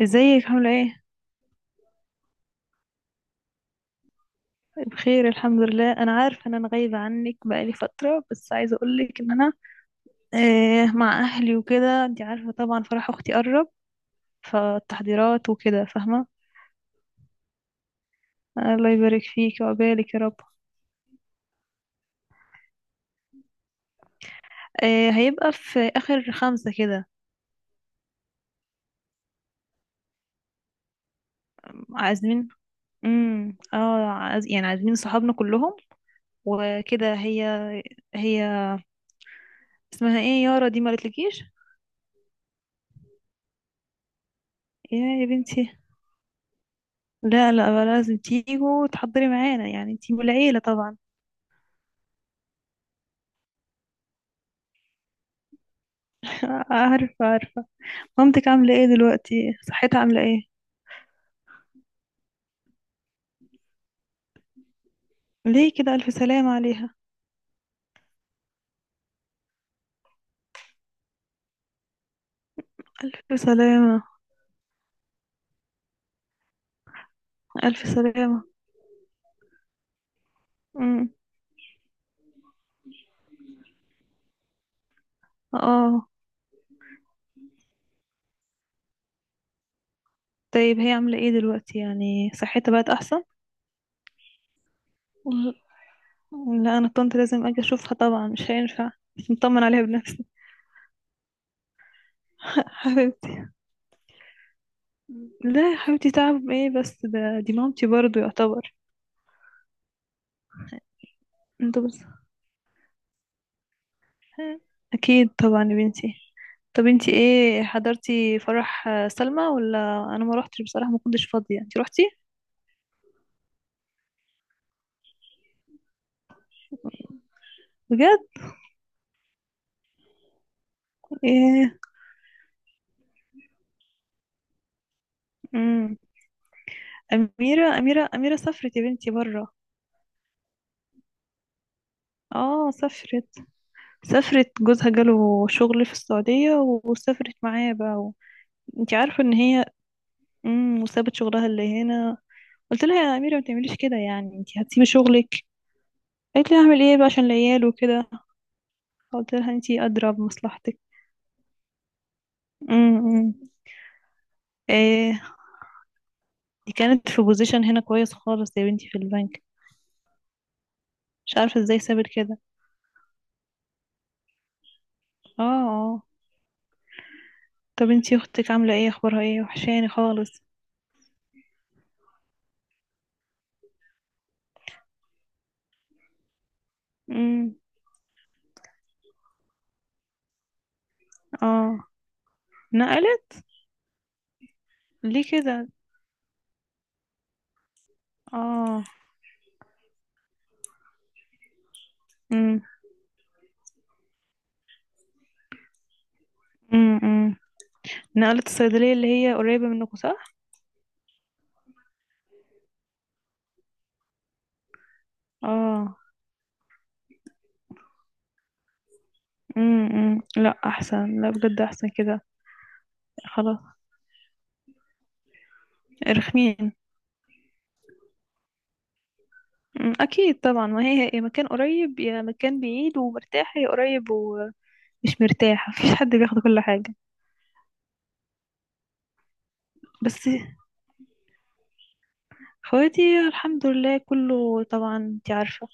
ازيك عاملة ايه؟ طيب، بخير الحمد لله. انا عارفة ان انا غايبة عنك بقالي فترة، بس عايزة اقولك ان انا مع اهلي وكده. انتي عارفة طبعا فرح اختي قرب، فالتحضيرات وكده، فاهمة؟ الله يبارك فيك وعقبالك يا رب. آه، هيبقى في اخر خمسة كده. عازمين. يعني عازمين صحابنا كلهم وكده. هي اسمها ايه؟ يارا دي ما قالتلكيش. يا بنتي، لا لا لازم تيجوا وتحضري معانا، يعني انتي والعيلة طبعا. عارفة عارفة. مامتك عاملة ايه دلوقتي؟ صحتها عاملة ايه؟ ليه كده؟ ألف سلامة عليها. ألف سلامة. ألف سلامة. مم. اه. طيب هي عاملة ايه دلوقتي؟ يعني صحتها بقت أحسن؟ ل- لا أنا طنط لازم أجي أشوفها طبعا، مش هينفع مش نطمن عليها بنفسي. حبيبتي. لا يا حبيبتي، تعب ايه بس؟ ده دي مامتي برضو يعتبر. انتوا بس. أكيد طبعا يا بنتي. طب انتي ايه حضرتي، فرح سلمى ولا؟ انا ما روحتش بصراحة، ما كنتش فاضية. انتي روحتي؟ بجد. ايه. امم اميرة سافرت يا بنتي بره. اه سافرت. سافرت جوزها جاله شغل في السعودية، وسافرت معاه بقى انتي عارفة ان هي وسابت شغلها اللي هنا. قلت لها يا اميرة ما تعمليش كده، يعني انتي هتسيبي شغلك؟ قالت لي هعمل ايه بقى عشان العيال وكده. قلت لها انتي ادرى بمصلحتك. امم امم. ايه. دي كانت في بوزيشن هنا كويس خالص يا بنتي في البنك. مش عارفة ازاي سابت كده. اه. اه. طب انتي اختك عاملة ايه؟ اخبارها ايه؟ وحشاني خالص. امم. اه نقلت. ليه كده؟ اه. امم امم. نقلت الصيدلية اللي هي قريبة منكم، صح؟ اه. لا احسن، لا بجد احسن كده. خلاص. رخمين. اكيد طبعا، ما هي يا مكان قريب يا مكان بعيد ومرتاحة، يا قريب ومش مرتاحة، مفيش حد بياخد كل حاجة. بس اخواتي الحمد لله كله طبعا انت عارفة.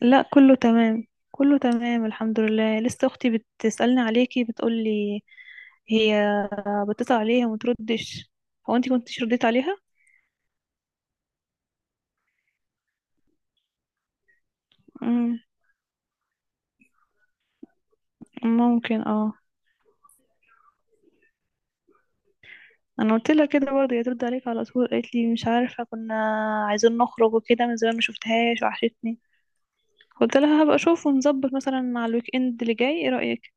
لا كله تمام. كله تمام الحمد لله. لسه اختي بتسألني عليكي، بتقولي هي بتسأل عليها وما تردش. هو انت كنتش رديت عليها؟ امم، ممكن اه. انا قلت لها كده برضه هي ترد عليك على طول، قالت لي مش عارفة. كنا عايزين نخرج وكده من زمان، ما شفتهاش، وحشتني. قلت لها هبقى اشوف ونظبط مثلا مع الويك اند اللي جاي، ايه رأيك؟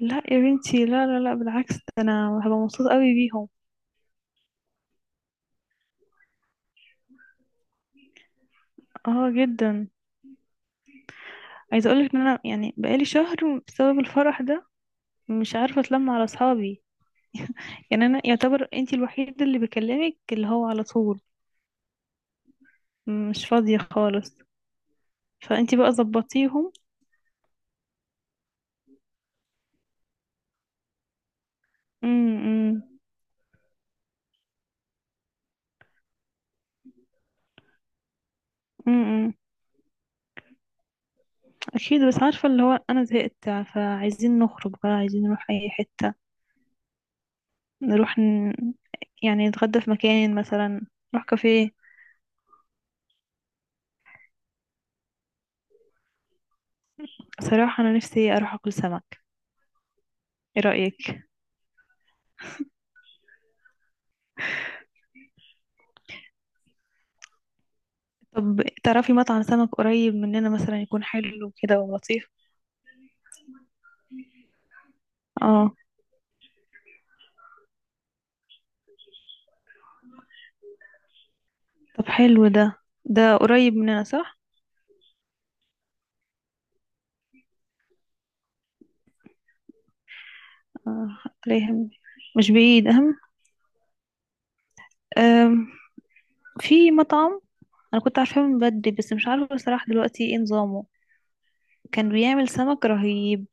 لا يا بنتي، لا لا لا بالعكس، ده انا هبقى مبسوطة قوي بيهم. اه جدا. عايزه اقولك ان انا يعني بقالي شهر بسبب الفرح ده مش عارفه اتلم على اصحابي. يعني انا يعتبر انتي الوحيده اللي بكلمك اللي هو على طول. مش فاضيه خالص. فانتي بقى ظبطيهم. امم. إمم، إمم. اكيد بس عارفه اللي هو انا زهقت. فعايزين نخرج بقى، عايزين نروح اي حته. نروح يعني نتغدى في مكان مثلا، نروح كافيه. صراحه انا نفسي اروح اكل سمك. ايه رايك؟ طب تعرفي مطعم سمك قريب مننا مثلا يكون حلو كده ولطيف؟ اه. طب حلو ده. ده قريب مننا صح؟ آه، عليهم. مش بعيد أهم. آم، في مطعم أنا كنت عارفاه من بدري، بس مش عارفة بصراحة دلوقتي ايه نظامه. كان بيعمل سمك رهيب.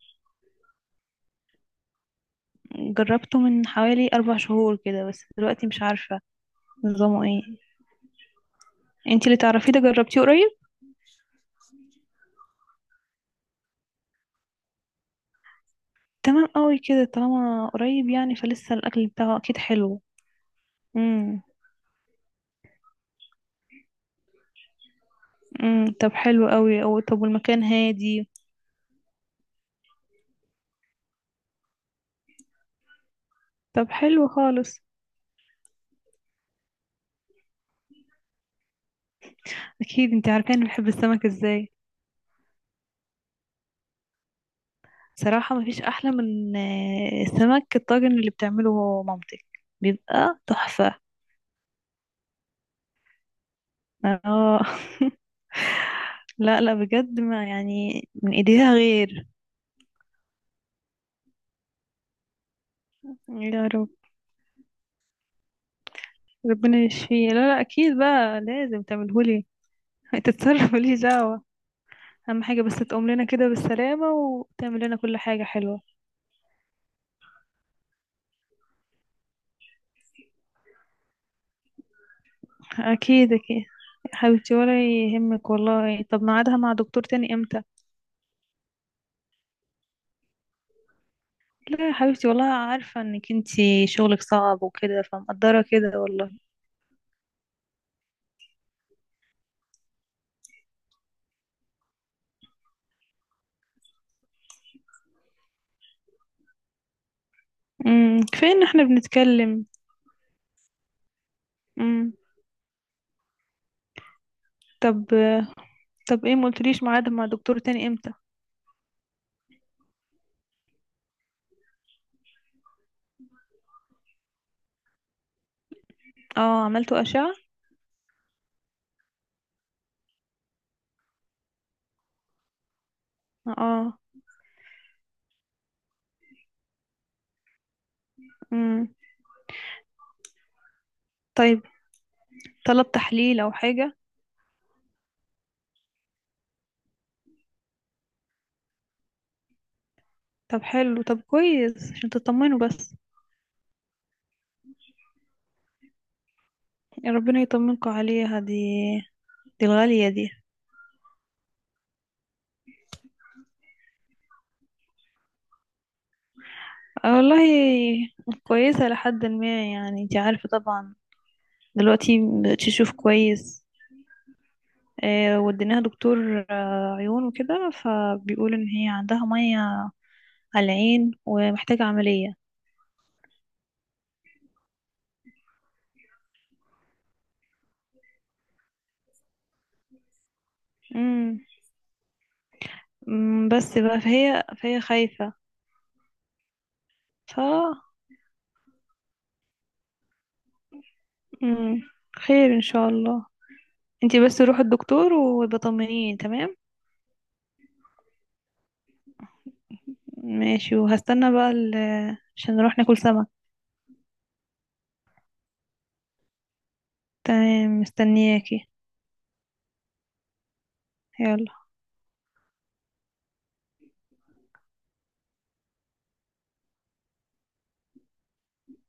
جربته من حوالي 4 شهور كده، بس دلوقتي مش عارفة نظامه ايه. انتي اللي تعرفيه ده جربتيه قريب. تمام قوي كده، طالما قريب يعني فلسه الأكل بتاعه أكيد حلو. امم امم. طب حلو قوي. أو طب، والمكان هادي؟ طب حلو خالص. أكيد انتي عارفة أنا بحب السمك ازاي. صراحة مفيش أحلى من السمك الطاجن اللي بتعمله مامتك، بيبقى تحفة. اه. لا لا بجد ما يعني من ايديها غير. يا رب. ربنا يشفيه. لا لا اكيد بقى لازم تعملهولي، تتصرف ماليش دعوة. اهم حاجة بس تقوم لنا كده بالسلامة وتعمل لنا كل حاجة حلوة. اكيد اكيد. يا حبيبتي ولا يهمك والله. طب ميعادها مع دكتور تاني امتى؟ لا يا حبيبتي والله عارفة انك انتي شغلك صعب وكده فمقدرة كده والله. كفاية ان احنا بنتكلم. امم. طب طب ايه، ما قلتليش ميعاد مع دكتور تاني امتى؟ اه عملتوا أشعة؟ اه. امم. طيب. طلب تحليل او حاجة؟ طب حلو، طب كويس عشان تطمنوا بس. يا ربنا يطمنكوا عليها دي، دي الغالية دي. آه والله كويسة لحد ما، يعني انتي عارفة طبعا دلوقتي مبقتش تشوف كويس. وديناها دكتور عيون وكده، فبيقول ان هي عندها مية على العين ومحتاجة عملية. مم. بس بقى فهي خايفة. ف مم، خير ان شاء الله. انتي بس روحي الدكتور وبطمنيني. تمام ماشي، وهستنى بقى عشان نروح ناكل سمك. تمام مستنياكي. يلا.